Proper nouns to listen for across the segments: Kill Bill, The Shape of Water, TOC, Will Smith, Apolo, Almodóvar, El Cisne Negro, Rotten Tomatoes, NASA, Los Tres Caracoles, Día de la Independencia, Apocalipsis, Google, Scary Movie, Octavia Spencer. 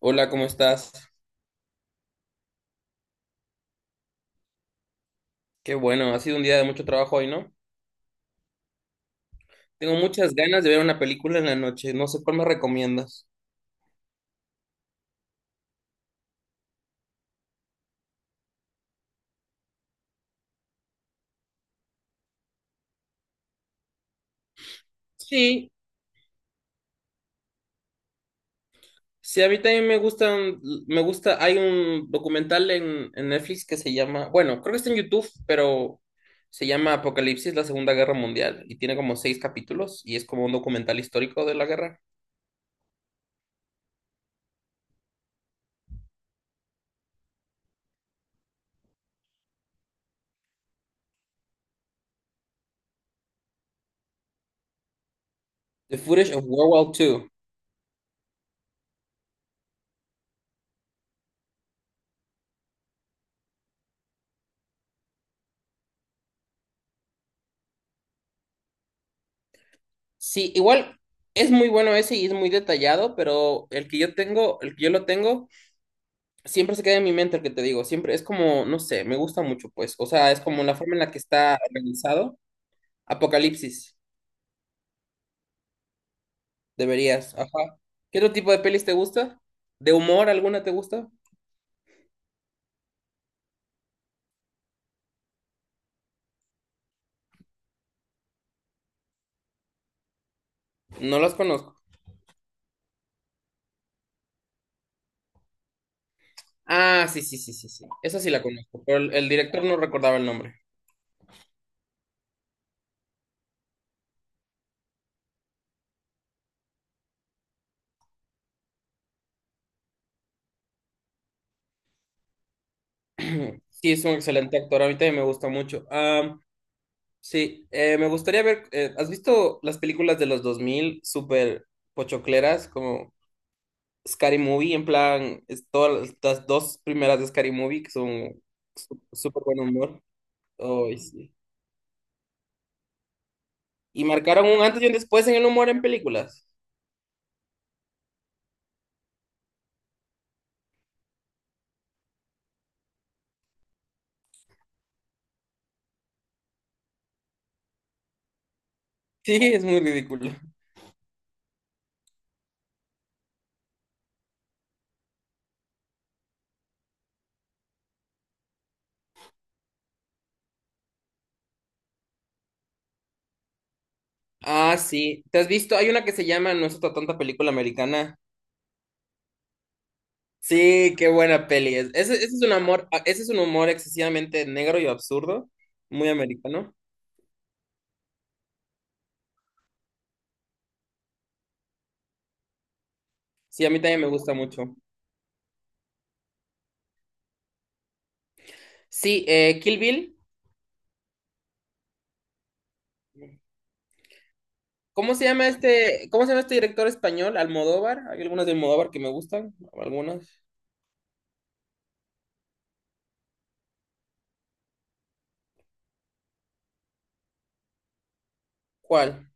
Hola, ¿cómo estás? Qué bueno, ha sido un día de mucho trabajo hoy, ¿no? Tengo muchas ganas de ver una película en la noche, no sé cuál me recomiendas. Sí, sí, a mí también me gustan, me gusta, hay un documental en Netflix que se llama, bueno, creo que está en YouTube, pero se llama Apocalipsis, la Segunda Guerra Mundial, y tiene como seis capítulos, y es como un documental histórico de la guerra. The Footage of World War Two. Sí, igual es muy bueno ese y es muy detallado, pero el que yo tengo, el que yo lo tengo siempre se queda en mi mente lo que te digo, siempre es como, no sé, me gusta mucho, pues, o sea, es como la forma en la que está organizado. Apocalipsis, deberías, ajá. ¿Qué otro tipo de pelis te gusta? ¿De humor alguna te gusta? No las conozco. Ah, sí, sí, sí, sí, sí, esa sí la conozco, pero el director no recordaba el nombre. Sí, es un excelente actor, a mí también me gusta mucho. Sí, me gustaría ver, ¿has visto las películas de los 2000? Súper pochocleras, como Scary Movie, en plan, es todas las dos primeras de Scary Movie que son súper buen humor. Ay, sí. Y marcaron un antes y un después en el humor en películas. Sí, es muy ridículo. Ah, sí. ¿Te has visto? Hay una que se llama No es otra tonta película americana. Sí, qué buena peli es. Ese es un amor, ah, ese es un humor excesivamente negro y absurdo, muy americano. Sí, a mí también me gusta mucho. Sí, Kill Bill. ¿Cómo se llama este director español? Almodóvar. Hay algunas de Almodóvar que me gustan, algunas. ¿Cuál?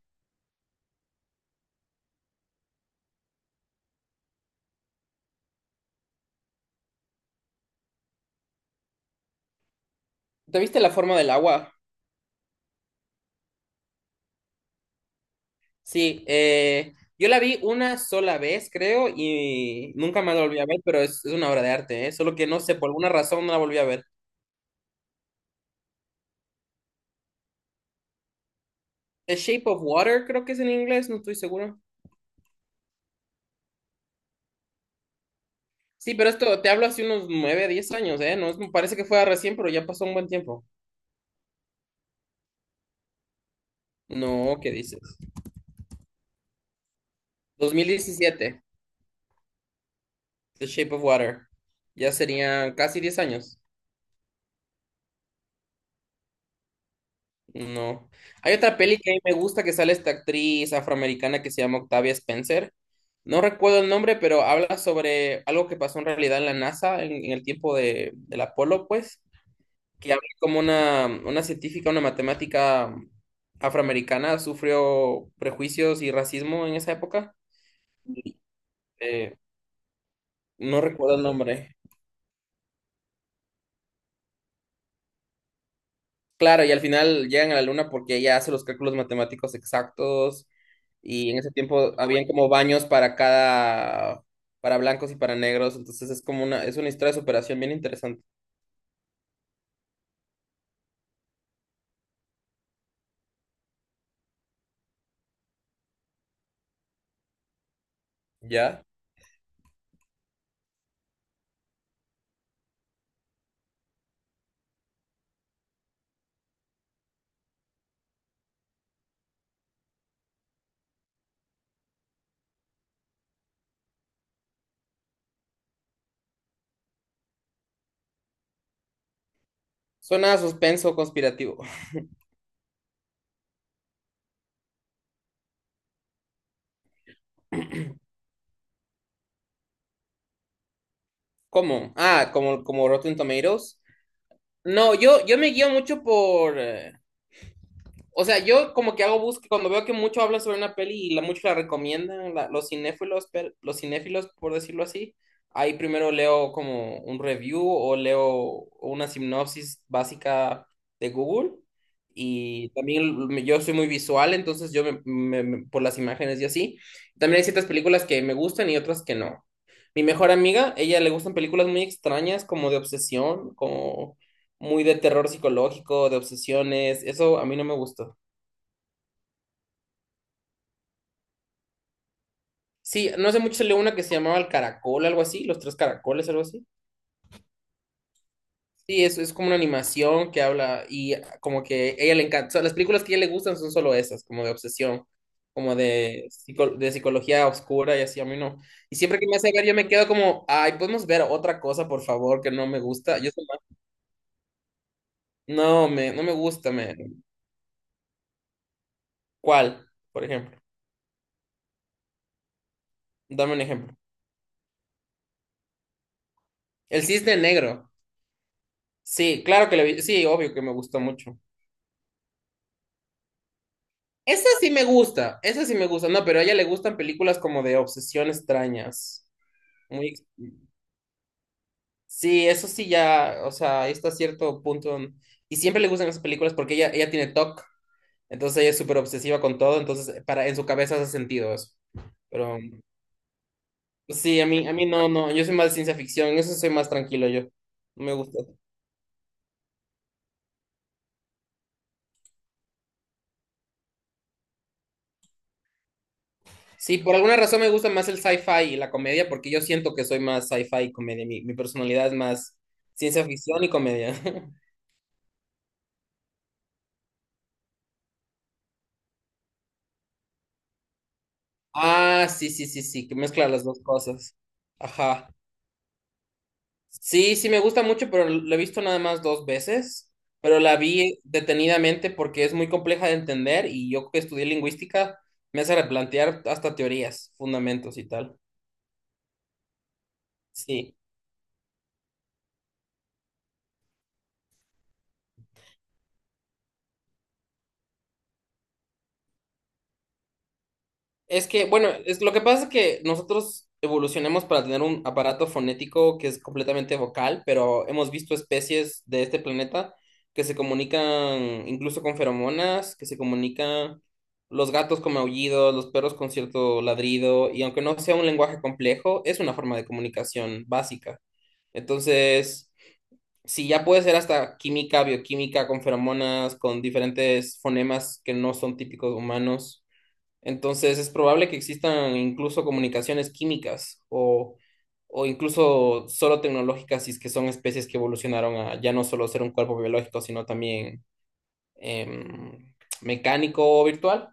¿Te viste La forma del agua? Sí, yo la vi una sola vez, creo, y nunca más la volví a ver, pero es una obra de arte, ¿eh? Solo que no sé, por alguna razón no la volví a ver. The Shape of Water, creo que es en inglés, no estoy seguro. Sí, pero esto te hablo hace unos 9, 10 años, ¿eh? No, me parece que fue recién, pero ya pasó un buen tiempo. No, ¿qué dices? 2017, The Shape of Water. Ya serían casi 10 años. No. Hay otra peli que a mí me gusta que sale esta actriz afroamericana que se llama Octavia Spencer. No recuerdo el nombre, pero habla sobre algo que pasó en realidad en la NASA en el tiempo del Apolo, pues, que habla como una científica, una matemática afroamericana sufrió prejuicios y racismo en esa época. Y, eh, no recuerdo el nombre. Claro, y al final llegan a la luna porque ella hace los cálculos matemáticos exactos y en ese tiempo habían como baños para cada, para blancos y para negros, entonces es una historia de superación bien interesante, ¿ya? Suena a suspenso conspirativo. ¿Cómo? Ah, como Rotten Tomatoes. No, yo me guío mucho por, o sea, yo como que hago búsqueda, cuando veo que mucho habla sobre una peli y mucho la recomiendan, los cinéfilos, por decirlo así, ahí primero leo como un review o leo una sinopsis básica de Google. Y también yo soy muy visual, entonces yo por las imágenes y así. También hay ciertas películas que me gustan y otras que no. Mi mejor amiga, ella le gustan películas muy extrañas, como de obsesión, como muy de terror psicológico, de obsesiones. Eso a mí no me gustó. Sí, no hace mucho salió una que se llamaba El Caracol, algo así, Los Tres Caracoles, algo así. Sí, es como una animación que habla y como que ella le encanta, o sea, las películas que a ella le gustan son solo esas, como de obsesión, como de psicología oscura y así, a mí no. Y siempre que me hace ver, yo me quedo como, ay, podemos ver otra cosa, por favor, que no me gusta. Yo soy más- no, no me gusta, me... ¿Cuál, por ejemplo? Dame un ejemplo. El Cisne Negro. Sí, claro que le vi, sí, obvio que me gustó mucho. Esa sí me gusta, esa sí me gusta. No, pero a ella le gustan películas como de obsesión extrañas. Muy, sí, eso sí ya, o sea, ahí está cierto punto. Y siempre le gustan esas películas porque ella tiene TOC, entonces ella es súper obsesiva con todo, entonces en su cabeza hace sentido eso. Pero sí, a mí no, no, yo soy más de ciencia ficción, en eso soy más tranquilo yo. No me gusta. Sí, por alguna razón me gusta más el sci-fi y la comedia porque yo siento que soy más sci-fi y comedia. Mi personalidad es más ciencia ficción y comedia. Ah, sí, sí, sí, sí, que mezcla las dos cosas. Ajá. Sí, sí, me gusta mucho, pero la he visto nada más dos veces, pero la vi detenidamente porque es muy compleja de entender y yo que estudié lingüística me hace replantear hasta teorías, fundamentos y tal. Sí. Es que, bueno, lo que pasa es que nosotros evolucionamos para tener un aparato fonético que es completamente vocal, pero hemos visto especies de este planeta que se comunican incluso con feromonas, que se comunican los gatos con maullidos, los perros con cierto ladrido, y aunque no sea un lenguaje complejo, es una forma de comunicación básica. Entonces, si ya puede ser hasta química, bioquímica, con feromonas, con diferentes fonemas que no son típicos humanos. Entonces es probable que existan incluso comunicaciones químicas o incluso solo tecnológicas, si es que son especies que evolucionaron a ya no solo ser un cuerpo biológico, sino también em, mecánico o virtual.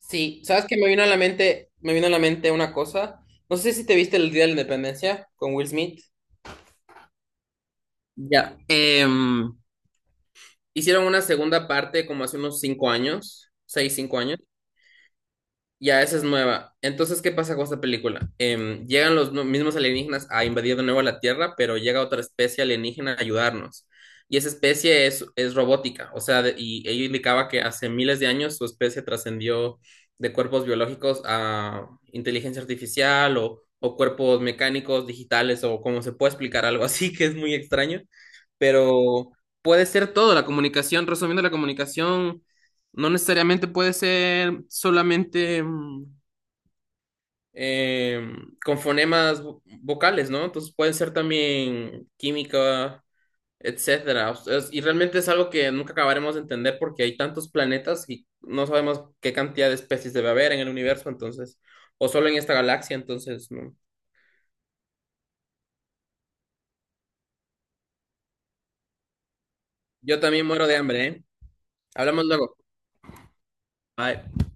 Sí, ¿sabes qué me vino a la mente? Me vino a la mente una cosa. No sé si te viste el Día de la Independencia con Will Smith. Ya. Hicieron una segunda parte como hace unos 5 años, 6, 5 años. Ya, esa es nueva. Entonces, ¿qué pasa con esta película? Llegan los mismos alienígenas a invadir de nuevo la Tierra, pero llega otra especie alienígena a ayudarnos. Y esa especie es robótica, o sea, y ella indicaba que hace miles de años su especie trascendió de cuerpos biológicos a inteligencia artificial o cuerpos mecánicos, digitales, o como se puede explicar algo así, que es muy extraño, pero puede ser todo, la comunicación, resumiendo la comunicación. No necesariamente puede ser solamente eh, con fonemas vocales, ¿no? Entonces puede ser también química, etcétera. O sea, y realmente es algo que nunca acabaremos de entender porque hay tantos planetas y no sabemos qué cantidad de especies debe haber en el universo, entonces, o solo en esta galaxia, entonces, no. Yo también muero de hambre, ¿eh? Hablamos luego. Bye.